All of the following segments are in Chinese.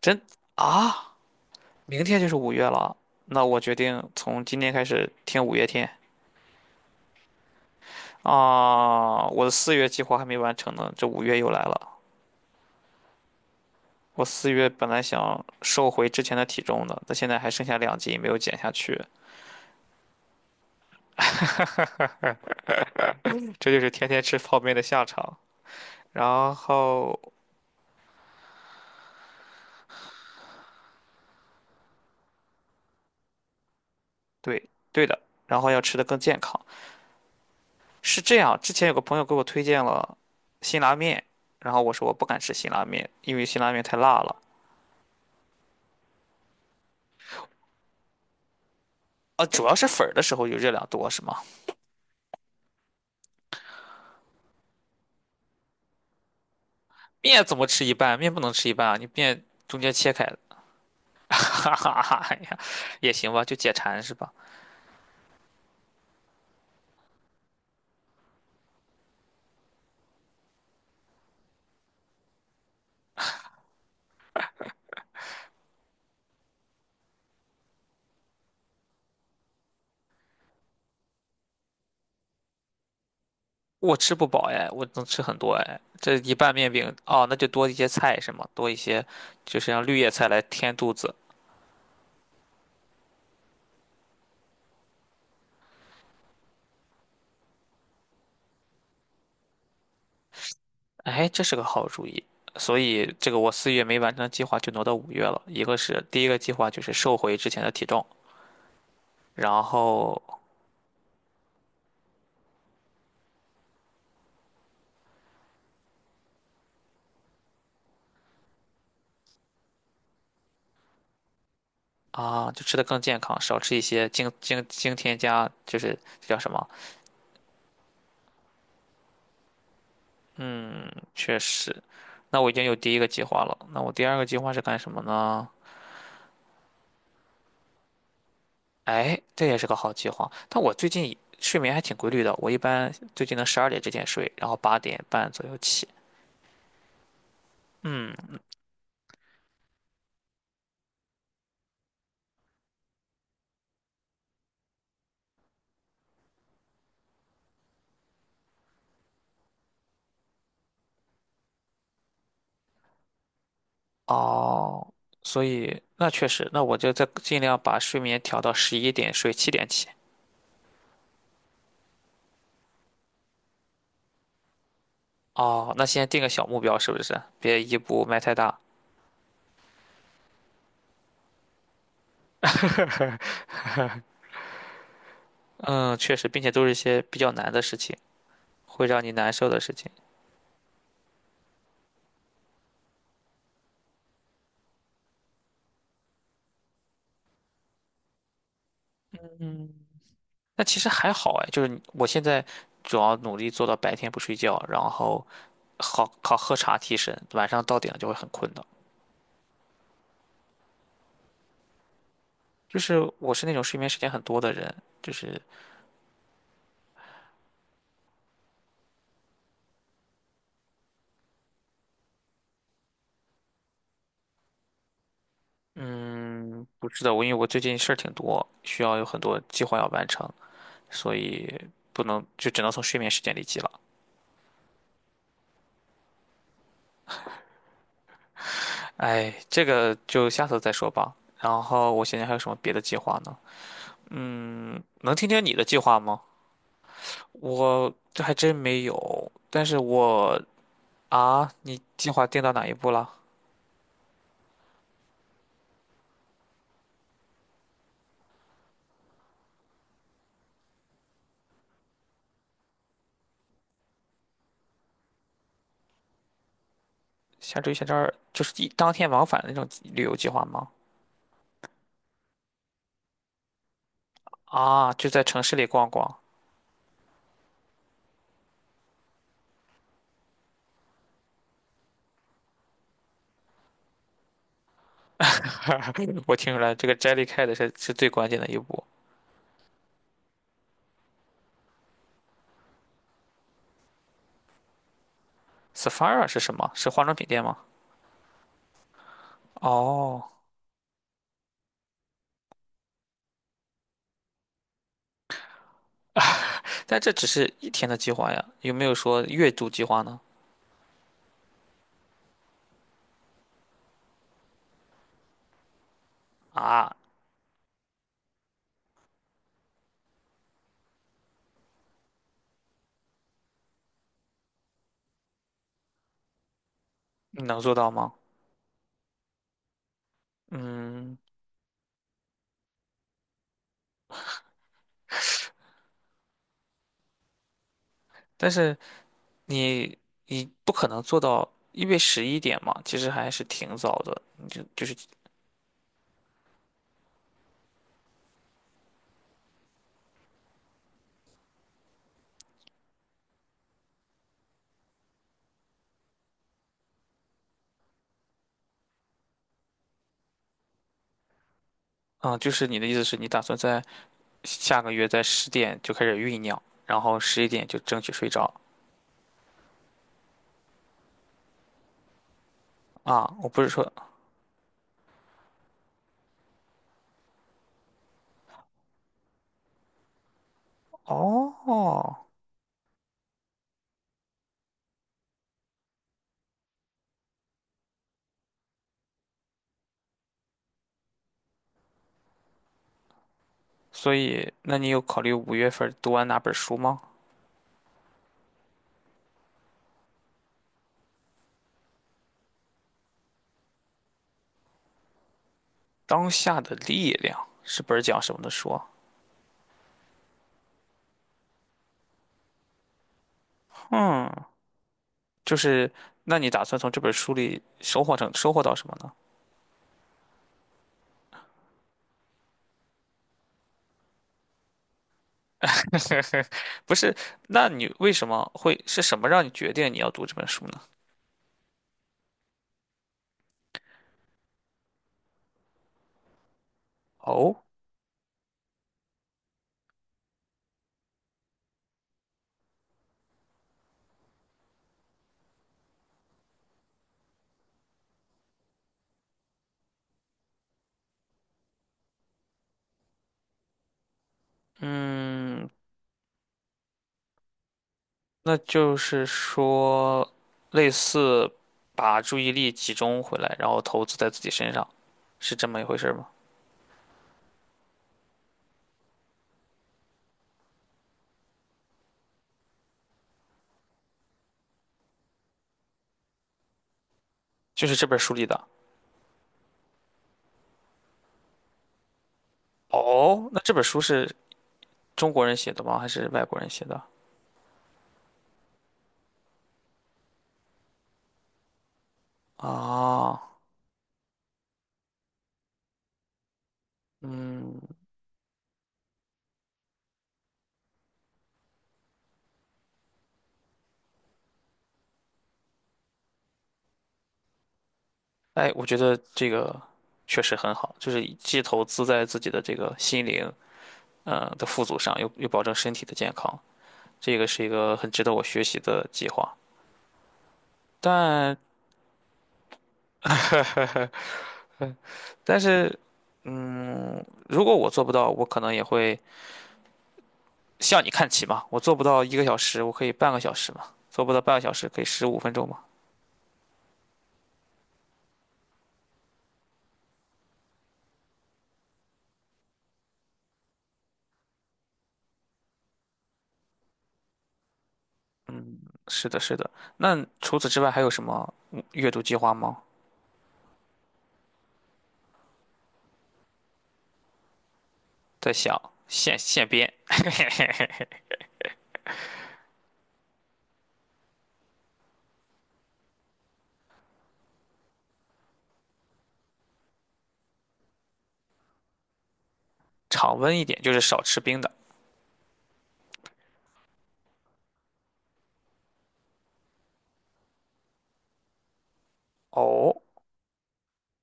真啊，明天就是五月了，那我决定从今天开始听五月天啊。我的四月计划还没完成呢，这五月又来了。我四月本来想瘦回之前的体重的，但现在还剩下2斤没有减下去，这就是天天吃泡面的下场。然后，对对的，然后要吃的更健康。是这样，之前有个朋友给我推荐了辛拉面，然后我说我不敢吃辛拉面，因为辛拉面太辣了。啊，主要是粉儿的时候有热量多，是吗？面怎么吃一半？面不能吃一半啊，你面中间切开的 哈哈哈，哎呀，也行吧，就解馋是吧？我吃不饱哎，我能吃很多哎。这一半面饼哦，那就多一些菜是吗？多一些，就是让绿叶菜来填肚子。哎，这是个好主意。所以这个我四月没完成的计划就挪到五月了。一个是第一个计划就是瘦回之前的体重，然后啊就吃的更健康，少吃一些精添加，就是这叫什么？确实。那我已经有第一个计划了，那我第二个计划是干什么呢？哎，这也是个好计划。但我最近睡眠还挺规律的，我一般最近能12点之前睡，然后8点半左右起。嗯，哦，所以那确实，那我就再尽量把睡眠调到十一点睡，7点起。哦，那先定个小目标是不是？别一步迈太大。嗯，确实，并且都是一些比较难的事情，会让你难受的事情。那其实还好哎，就是我现在主要努力做到白天不睡觉，然后好靠喝茶提神，晚上到点了就会很困的。就是我是那种睡眠时间很多的人，就是嗯，不是的，我因为我最近事儿挺多，需要有很多计划要完成，所以不能就只能从睡眠时间里挤了。哎，这个就下次再说吧。然后我现在还有什么别的计划呢？能听听你的计划吗？我这还真没有，但是我啊，你计划定到哪一步了？下周一、下周二就是一当天往返的那种旅游计划吗？啊，就在城市里逛逛。我听出来，这个 Jellycat 是最关键的一步。Sephora 是什么？是化妆品店吗？哦，但这只是一天的计划呀，有没有说月度计划呢？啊，你能做到吗？嗯，但是你你不可能做到，因为十一点嘛，其实还是挺早的。你就是，嗯，就是你的意思是你打算在。下个月在10点就开始酝酿，然后十一点就争取睡着啊。我不是说哦，所以那你有考虑五月份读完哪本书吗？《当下的力量》是本儿讲什么的书啊嗯，就是那你打算从这本书里收获到什么呢？不是，那你为什么会是什么让你决定你要读这本书呢？哦，嗯。那就是说，类似把注意力集中回来，然后投资在自己身上，是这么一回事吗？就是这本书里的。哦，那这本书是中国人写的吗？还是外国人写的？啊，嗯，哎，我觉得这个确实很好，就是既投资在自己的这个心灵，嗯，的富足上，又保证身体的健康，这个是一个很值得我学习的计划。但 但是，嗯，如果我做不到，我可能也会向你看齐嘛。我做不到一个小时，我可以半个小时嘛。做不到半个小时，可以15分钟嘛。是的，是的。那除此之外还有什么阅读计划吗？在想现编，常温一点，就是少吃冰的。哦，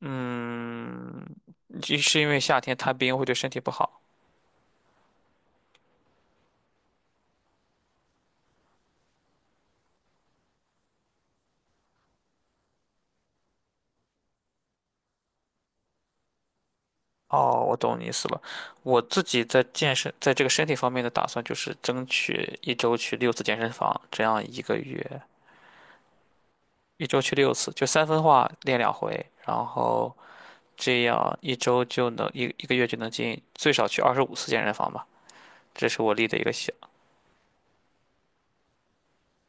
嗯，就是因为夏天贪冰会对身体不好。哦，我懂你意思了。我自己在健身，在这个身体方面的打算就是争取一周去六次健身房，这样一个月一周去六次，就三分化练2回，然后这样一周就能一个月就能进最少去25次健身房吧，这是我立的一个小。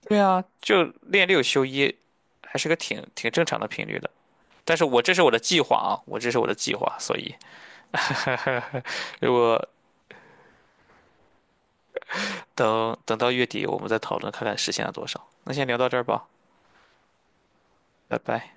对啊，就练六休一，还是个挺正常的频率的。但是我这是我的计划啊，我这是我的计划，所以 如果等到月底，我们再讨论看看实现了多少。那先聊到这儿吧，拜拜。